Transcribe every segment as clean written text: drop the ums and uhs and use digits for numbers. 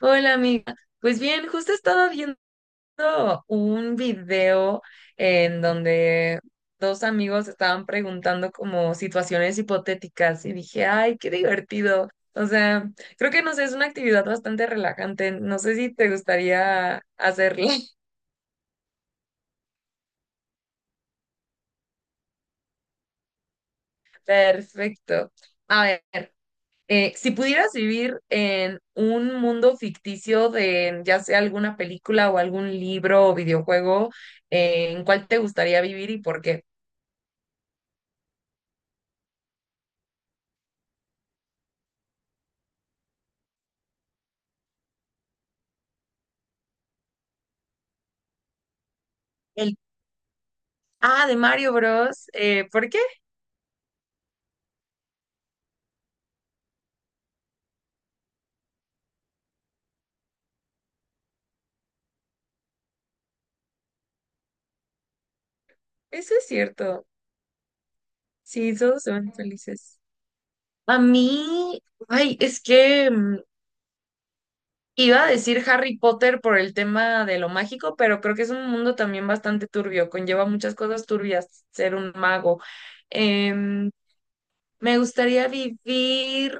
Hola amiga, pues bien, justo estaba viendo un video en donde dos amigos estaban preguntando como situaciones hipotéticas y dije, ay, qué divertido. O sea, creo que no sé, es una actividad bastante relajante. No sé si te gustaría hacerla. Perfecto. A ver, si pudieras vivir en un mundo ficticio de ya sea alguna película o algún libro o videojuego, ¿en cuál te gustaría vivir y por qué? El, de Mario Bros. ¿Por qué? Eso es cierto. Sí, todos se van felices. A mí, ay, es que iba a decir Harry Potter por el tema de lo mágico, pero creo que es un mundo también bastante turbio, conlleva muchas cosas turbias ser un mago. Em, me gustaría vivir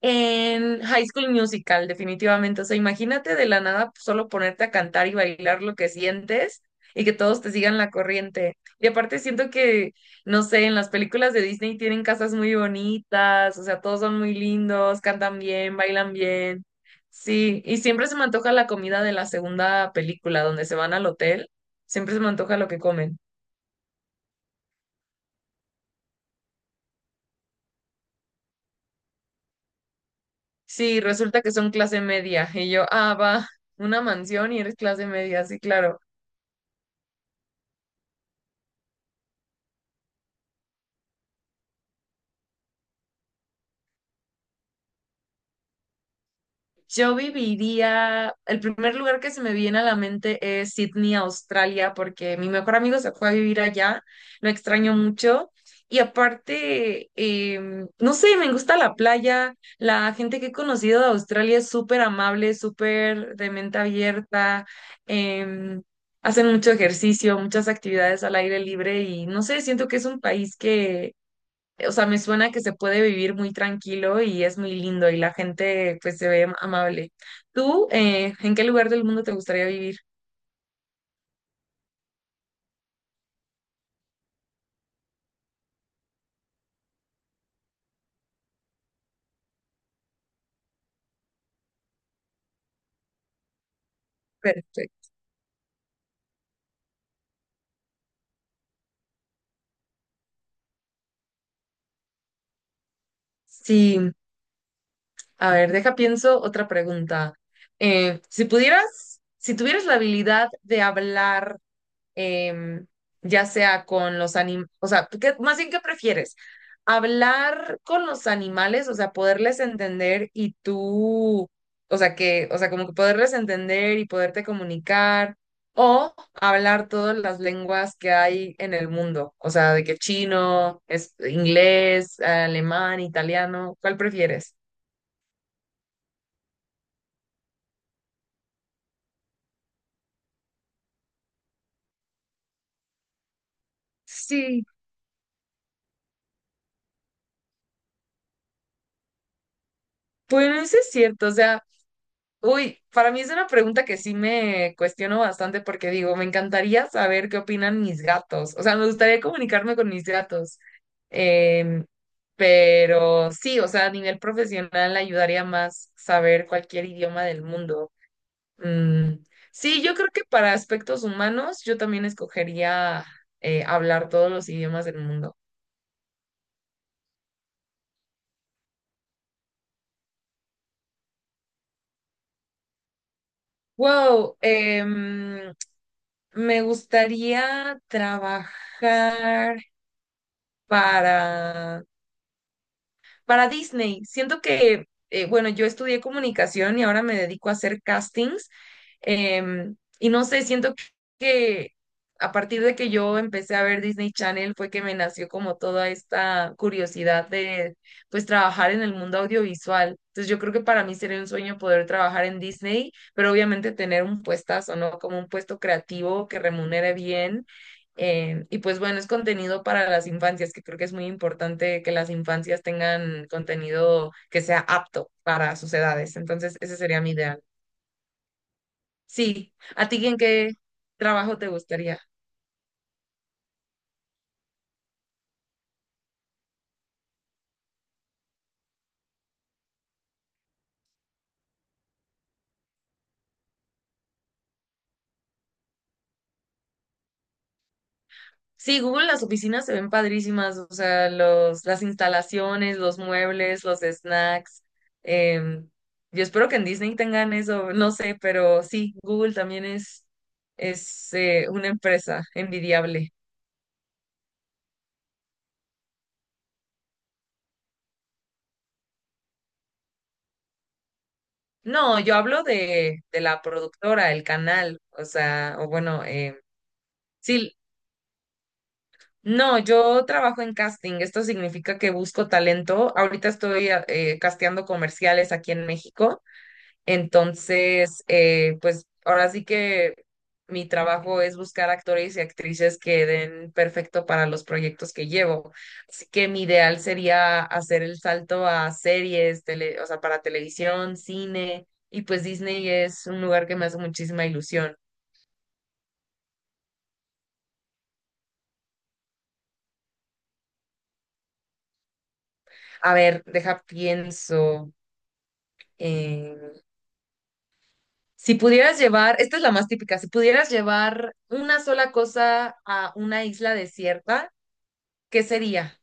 en High School Musical, definitivamente. O sea, imagínate de la nada pues, solo ponerte a cantar y bailar lo que sientes y que todos te sigan la corriente. Y aparte siento que, no sé, en las películas de Disney tienen casas muy bonitas, o sea, todos son muy lindos, cantan bien, bailan bien. Sí, y siempre se me antoja la comida de la segunda película, donde se van al hotel, siempre se me antoja lo que comen. Sí, resulta que son clase media y yo, ah, va, una mansión y eres clase media, sí, claro. Yo viviría, el primer lugar que se me viene a la mente es Sydney, Australia, porque mi mejor amigo se fue a vivir allá, lo extraño mucho. Y aparte, no sé, me gusta la playa, la gente que he conocido de Australia es súper amable, súper de mente abierta, em, hacen mucho ejercicio, muchas actividades al aire libre y no sé, siento que es un país que o sea, me suena que se puede vivir muy tranquilo y es muy lindo y la gente pues se ve amable. ¿Tú en qué lugar del mundo te gustaría vivir? Perfecto. Sí, a ver, deja pienso otra pregunta. Si pudieras, si tuvieras la habilidad de hablar em, ya sea con los animales, o sea, más bien, ¿qué prefieres? Hablar con los animales, o sea, poderles entender y tú, o sea, que, o sea, como que poderles entender y poderte comunicar, o hablar todas las lenguas que hay en el mundo, o sea, de que chino, es inglés, alemán, italiano, ¿cuál prefieres? Sí, pues no es cierto, o sea, uy, para mí es una pregunta que sí me cuestiono bastante porque digo, me encantaría saber qué opinan mis gatos. O sea, me gustaría comunicarme con mis gatos. Em, pero sí, o sea, a nivel profesional ayudaría más saber cualquier idioma del mundo. Mm, sí, yo creo que para aspectos humanos yo también escogería hablar todos los idiomas del mundo. Wow, me gustaría trabajar para... Para Disney, siento que, bueno, yo estudié comunicación y ahora me dedico a hacer castings. Y no sé, siento que a partir de que yo empecé a ver Disney Channel fue que me nació como toda esta curiosidad de, pues, trabajar en el mundo audiovisual. Entonces yo creo que para mí sería un sueño poder trabajar en Disney, pero obviamente tener un puestazo, ¿no? Como un puesto creativo que remunere bien, y pues bueno, es contenido para las infancias, que creo que es muy importante que las infancias tengan contenido que sea apto para sus edades. Entonces, ese sería mi ideal. Sí, ¿a ti en qué trabajo te gustaría? Sí, Google, las oficinas se ven padrísimas, o sea, los, las instalaciones, los muebles, los snacks. em, yo espero que en Disney tengan eso, no sé, pero sí, Google también es una empresa envidiable. No, yo hablo de la productora, el canal, o sea, o bueno, sí, no, yo trabajo en casting, esto significa que busco talento, ahorita estoy casteando comerciales aquí en México, entonces, pues ahora sí que mi trabajo es buscar actores y actrices que den perfecto para los proyectos que llevo. Así que mi ideal sería hacer el salto a series, o sea, para televisión, cine, y pues Disney es un lugar que me hace muchísima ilusión. A ver, deja, pienso. eh, si pudieras llevar, esta es la más típica, si pudieras llevar una sola cosa a una isla desierta, ¿qué sería?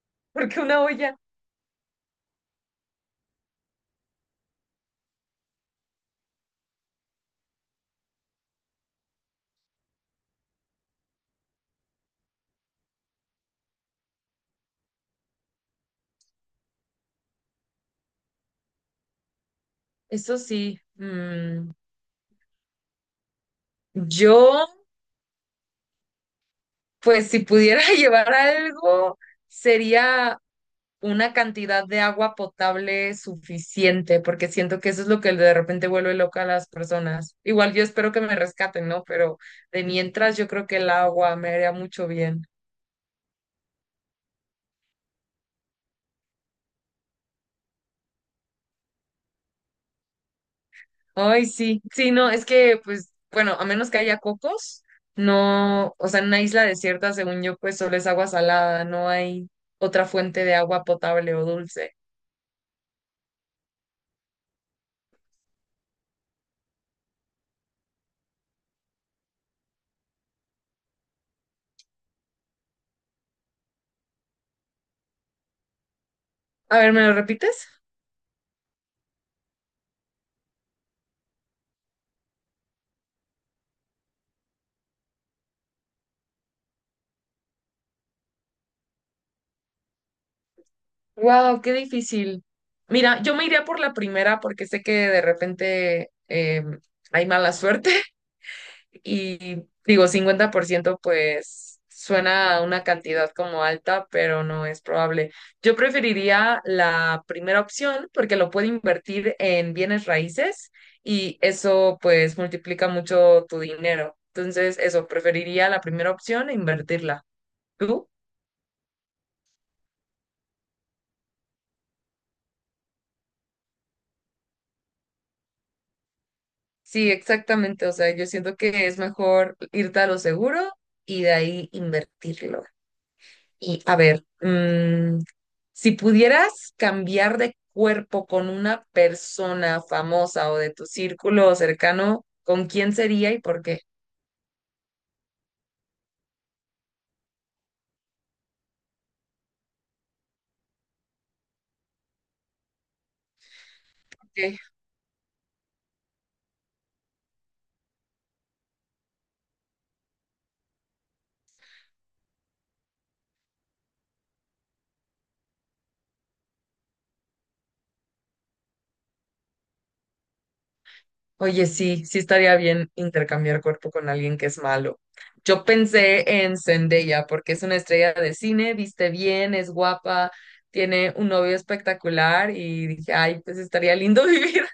Porque una olla. Eso sí, yo, pues si pudiera llevar algo, sería una cantidad de agua potable suficiente, porque siento que eso es lo que de repente vuelve loca a las personas. Igual yo espero que me rescaten, ¿no? Pero de mientras yo creo que el agua me haría mucho bien. Ay, sí, sí, no, es que, pues, bueno, a menos que haya cocos, no, o sea, en una isla desierta, según yo, pues solo es agua salada, no hay otra fuente de agua potable o dulce. A ver, ¿me lo repites? Wow, qué difícil. Mira, yo me iría por la primera porque sé que de repente hay mala suerte y digo, 50%, pues suena a una cantidad como alta, pero no es probable. Yo preferiría la primera opción porque lo puedo invertir en bienes raíces y eso pues multiplica mucho tu dinero. Entonces, eso, preferiría la primera opción e invertirla. ¿Tú? Sí, exactamente. O sea, yo siento que es mejor irte a lo seguro y de ahí invertirlo. Y a ver, si pudieras cambiar de cuerpo con una persona famosa o de tu círculo cercano, ¿con quién sería y por qué? Ok. Oye, sí, sí estaría bien intercambiar cuerpo con alguien que es malo. Yo pensé en Zendaya porque es una estrella de cine, viste bien, es guapa, tiene un novio espectacular y dije, ay, pues estaría lindo vivir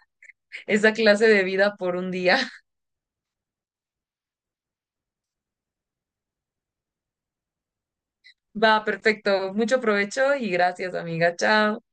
esa clase de vida por un día. Va, perfecto. Mucho provecho y gracias, amiga. Chao.